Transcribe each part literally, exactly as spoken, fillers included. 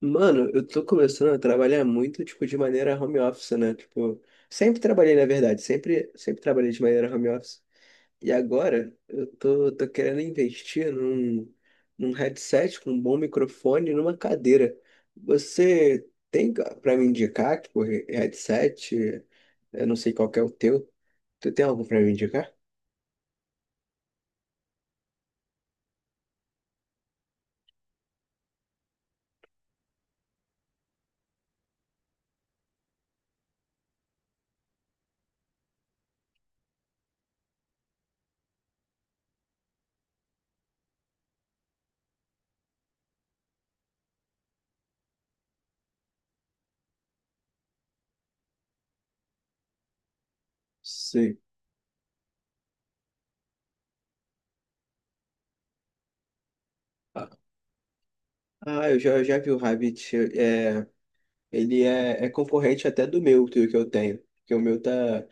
Mano, eu tô começando a trabalhar muito, tipo, de maneira home office, né? Tipo, sempre trabalhei, na verdade, sempre, sempre trabalhei de maneira home office. E agora eu tô, tô querendo investir num, num headset com um bom microfone e numa cadeira. Você tem ca- pra me indicar, tipo, he- headset? Eu não sei qual que é o teu. Tu tem algo pra me indicar? Sim. Ah, ah, eu já, eu já vi o Rabbit. É, ele é, é concorrente até do meu, do que eu tenho. Porque o meu tá.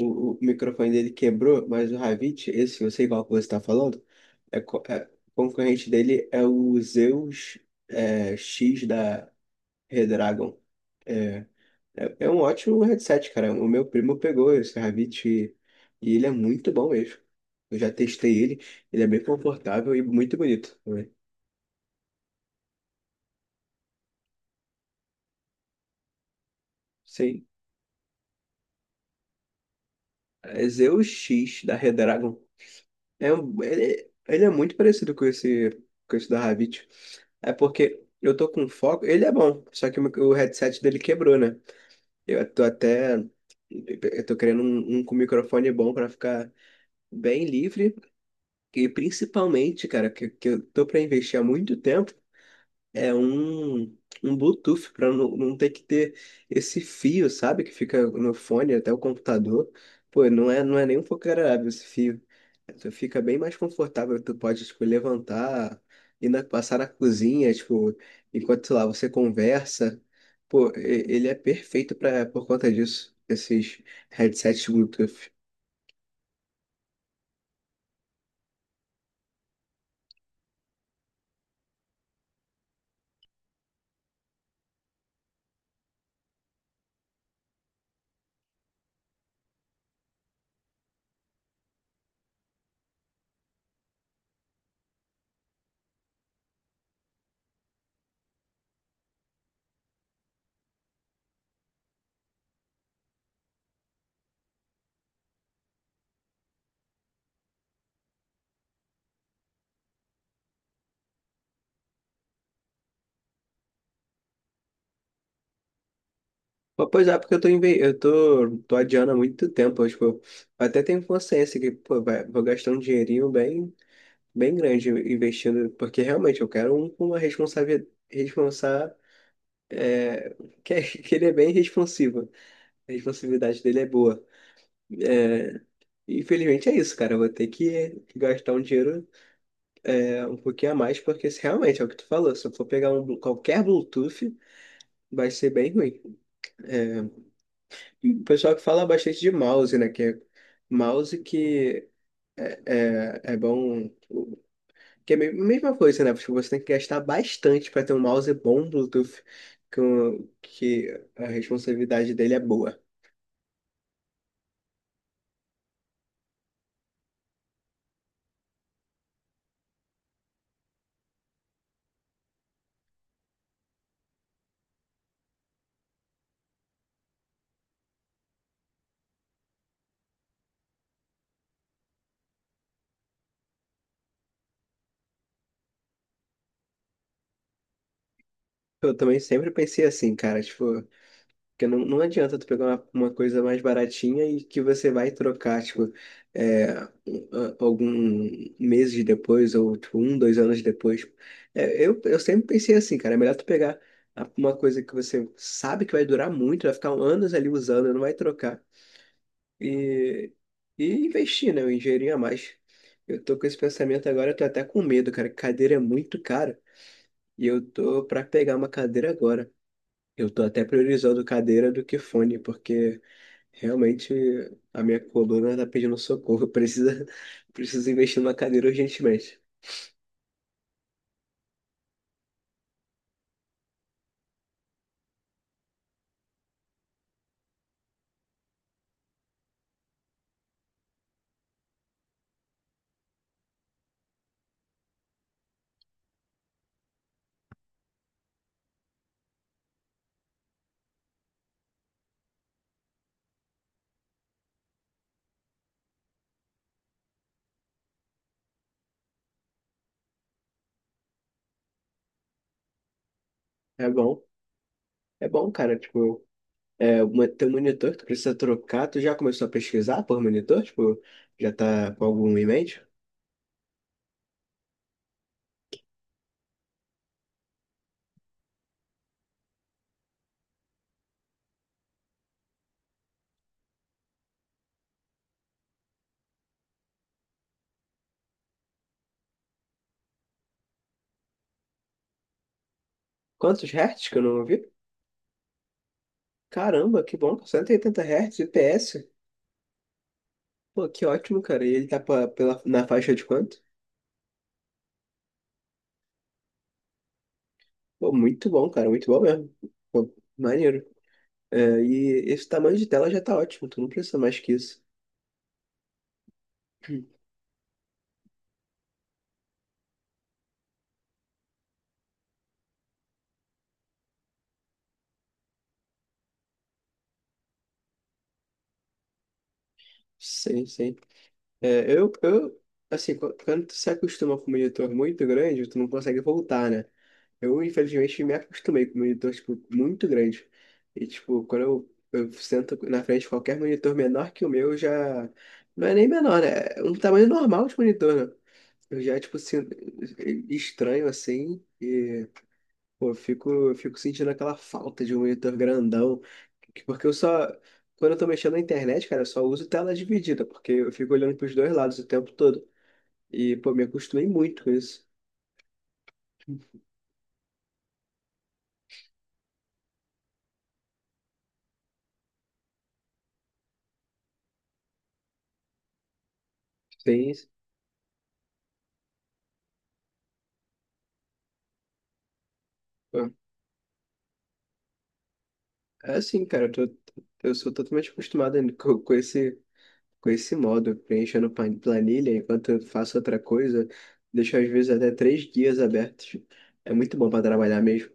O, o microfone dele quebrou, mas o Ravit, esse eu sei qual que você está falando, é, co- é- o concorrente dele é o Zeus, é, X da Redragon. É, é, é um ótimo headset, cara. O meu primo pegou esse Ravit e, e ele é muito bom mesmo. Eu já testei ele, ele é bem confortável e muito bonito também. Sim, é Zeus X da Redragon. É, um- ele, ele é muito parecido com esse, com esse da Havit. É porque eu tô com foco. Ele é bom, só que o mic- o headset dele quebrou, né? Eu tô até. Eu tô querendo um, um com microfone bom pra ficar bem livre. E principalmente, cara, que, que eu tô pra investir há muito tempo. É um, um Bluetooth para não, não ter que ter esse fio, sabe? Que fica no fone até o computador. Pô, não é, não é nem um pouco agradável esse fio. Tu fica bem mais confortável, tu pode, tipo, levantar, ir na, passar na cozinha, tipo, enquanto, sei lá, você conversa. Pô, e- ele é perfeito pra, por conta disso, esses headsets Bluetooth. Pô, pois é, porque eu tô, inve- eu tô, tô adiando há muito tempo, eu, tipo, até tenho consciência que, pô, vai, vou gastar um dinheirinho bem bem grande investindo, porque realmente eu quero um com uma responsabilidade, responsa, é, que, é- que ele é bem responsivo. A responsividade dele é boa. É, infelizmente é isso, cara. Eu vou ter que gastar um dinheiro é, um pouquinho a mais, porque se realmente é o que tu falou. Se eu for pegar um, blu- qualquer Bluetooth, vai ser bem ruim. É, e o pessoal que fala bastante de mouse, né? Que é mouse que é, é, é bom. Que é a me- mesma coisa, né? Tipo, você tem que gastar bastante para ter um mouse bom Bluetooth, com, que a responsabilidade dele é boa. Eu também sempre pensei assim, cara, tipo, que não, não adianta tu pegar uma, uma coisa mais baratinha e que você vai trocar, tipo, é, a- algum meses depois, ou tipo, um, dois anos depois. É, eu, eu sempre pensei assim, cara, é melhor tu pegar a- uma coisa que você sabe que vai durar muito, vai ficar anos ali usando, não vai trocar e, e investir, né? Eu ingerir a mais. Eu tô com esse pensamento agora, eu tô até com medo, cara. Que cadeira é muito cara e eu tô pra pegar uma cadeira agora. Eu tô até priorizando cadeira do que fone, porque realmente a minha coluna tá pedindo socorro. Eu Precisa, preciso investir numa cadeira urgentemente. É bom, é bom, cara. Tipo, é, uma- teu monitor, que tu precisa trocar. Tu já começou a pesquisar por monitor? Tipo, já tá com algum em mente? Quantos hertz que eu não ouvi? Caramba, que bom, cento e oitenta Hz, I P S. Pô, que ótimo, cara. E ele tá pa- pela, na faixa de quanto? Pô, muito bom, cara, muito bom mesmo. Pô, maneiro. É, e esse tamanho de tela já tá ótimo, tu não precisa mais que isso. Sim, sim. É, eu, eu, assim, qu- quando tu se acostuma com um monitor muito grande, tu não consegue voltar, né? Eu, infelizmente, me acostumei com monitor, tipo, muito grande. E, tipo, quando eu, eu sento na frente de qualquer monitor menor que o meu, eu já. Não é nem menor, né? É um tamanho normal de monitor, né? Eu já, tipo, sinto estranho, assim, e, pô, eu fico, eu fico sentindo aquela falta de um monitor grandão, que, porque eu só. Quando eu tô mexendo na internet, cara, eu só uso tela dividida, porque eu fico olhando pros dois lados o tempo todo. E, pô, me acostumei muito com isso. Tem. É assim, cara, eu, tô- eu sou totalmente acostumado ainda co- com, esse, com esse modo, preenchendo pan- planilha enquanto eu faço outra coisa, deixo às vezes até três guias abertos. É muito bom para trabalhar mesmo.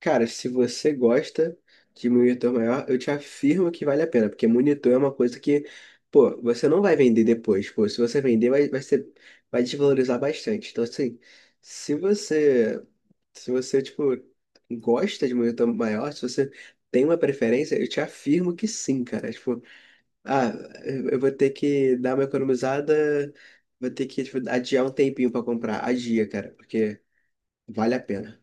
Cara, se você gosta de monitor maior, eu te afirmo que vale a pena, porque monitor é uma coisa que, pô, você não vai vender depois, pô, se você vender vai, vai ser, vai desvalorizar bastante. Então, assim, se você Se você, tipo, gosta de monitor maior, se você tem uma preferência, eu te afirmo que sim, cara. Tipo, ah, eu eu vou ter que dar uma economizada, vou ter que, tipo, adiar um tempinho pra comprar. Adia, cara, porque vale a pena.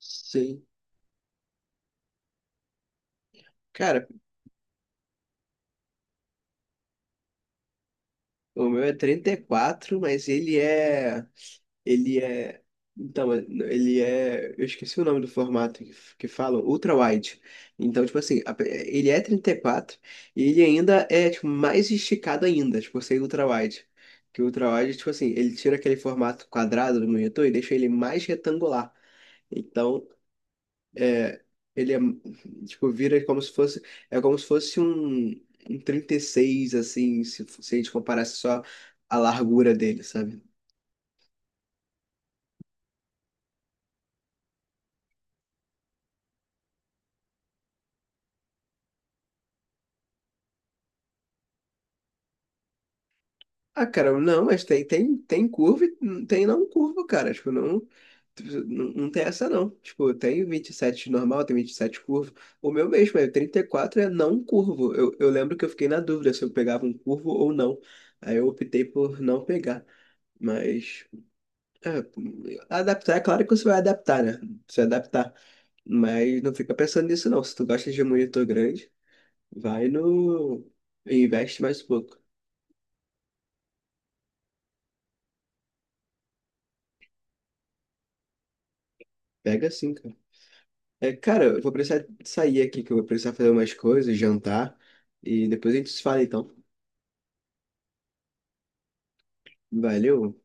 Sim. Cara, o meu é trinta e quatro, mas ele é. Ele é. Então, ele é. Eu esqueci o nome do formato que, que falam, ultra-wide. Então, tipo assim, a- ele é trinta e quatro e ele ainda é tipo, mais esticado ainda, tipo, ser ultra-wide. Que o ultra-wide, tipo assim, ele tira aquele formato quadrado do monitor e deixa ele mais retangular. Então, é, ele é. Tipo, vira como se fosse. É como se fosse um, um trinta e seis assim, se, se a gente comparasse só a largura dele, sabe? Ah, cara, não, mas tem, tem, tem, curva e não tem não curva, cara. Tipo, não, tu- não, não tem essa não. Tipo, tem vinte e sete normal, tem vinte e sete curvo. O meu mesmo é trinta e quatro é não curvo. Eu, eu lembro que eu fiquei na dúvida se eu pegava um curvo ou não. Aí eu optei por não pegar. Mas, é, adaptar, é claro que você vai adaptar, né? Você adaptar. Mas não fica pensando nisso não. Se tu gosta de monitor grande, vai no. Investe mais um pouco. Pega sim, cara. É, cara, eu vou precisar sair aqui, que eu vou precisar fazer umas coisas, jantar, e depois a gente se fala, então. Valeu.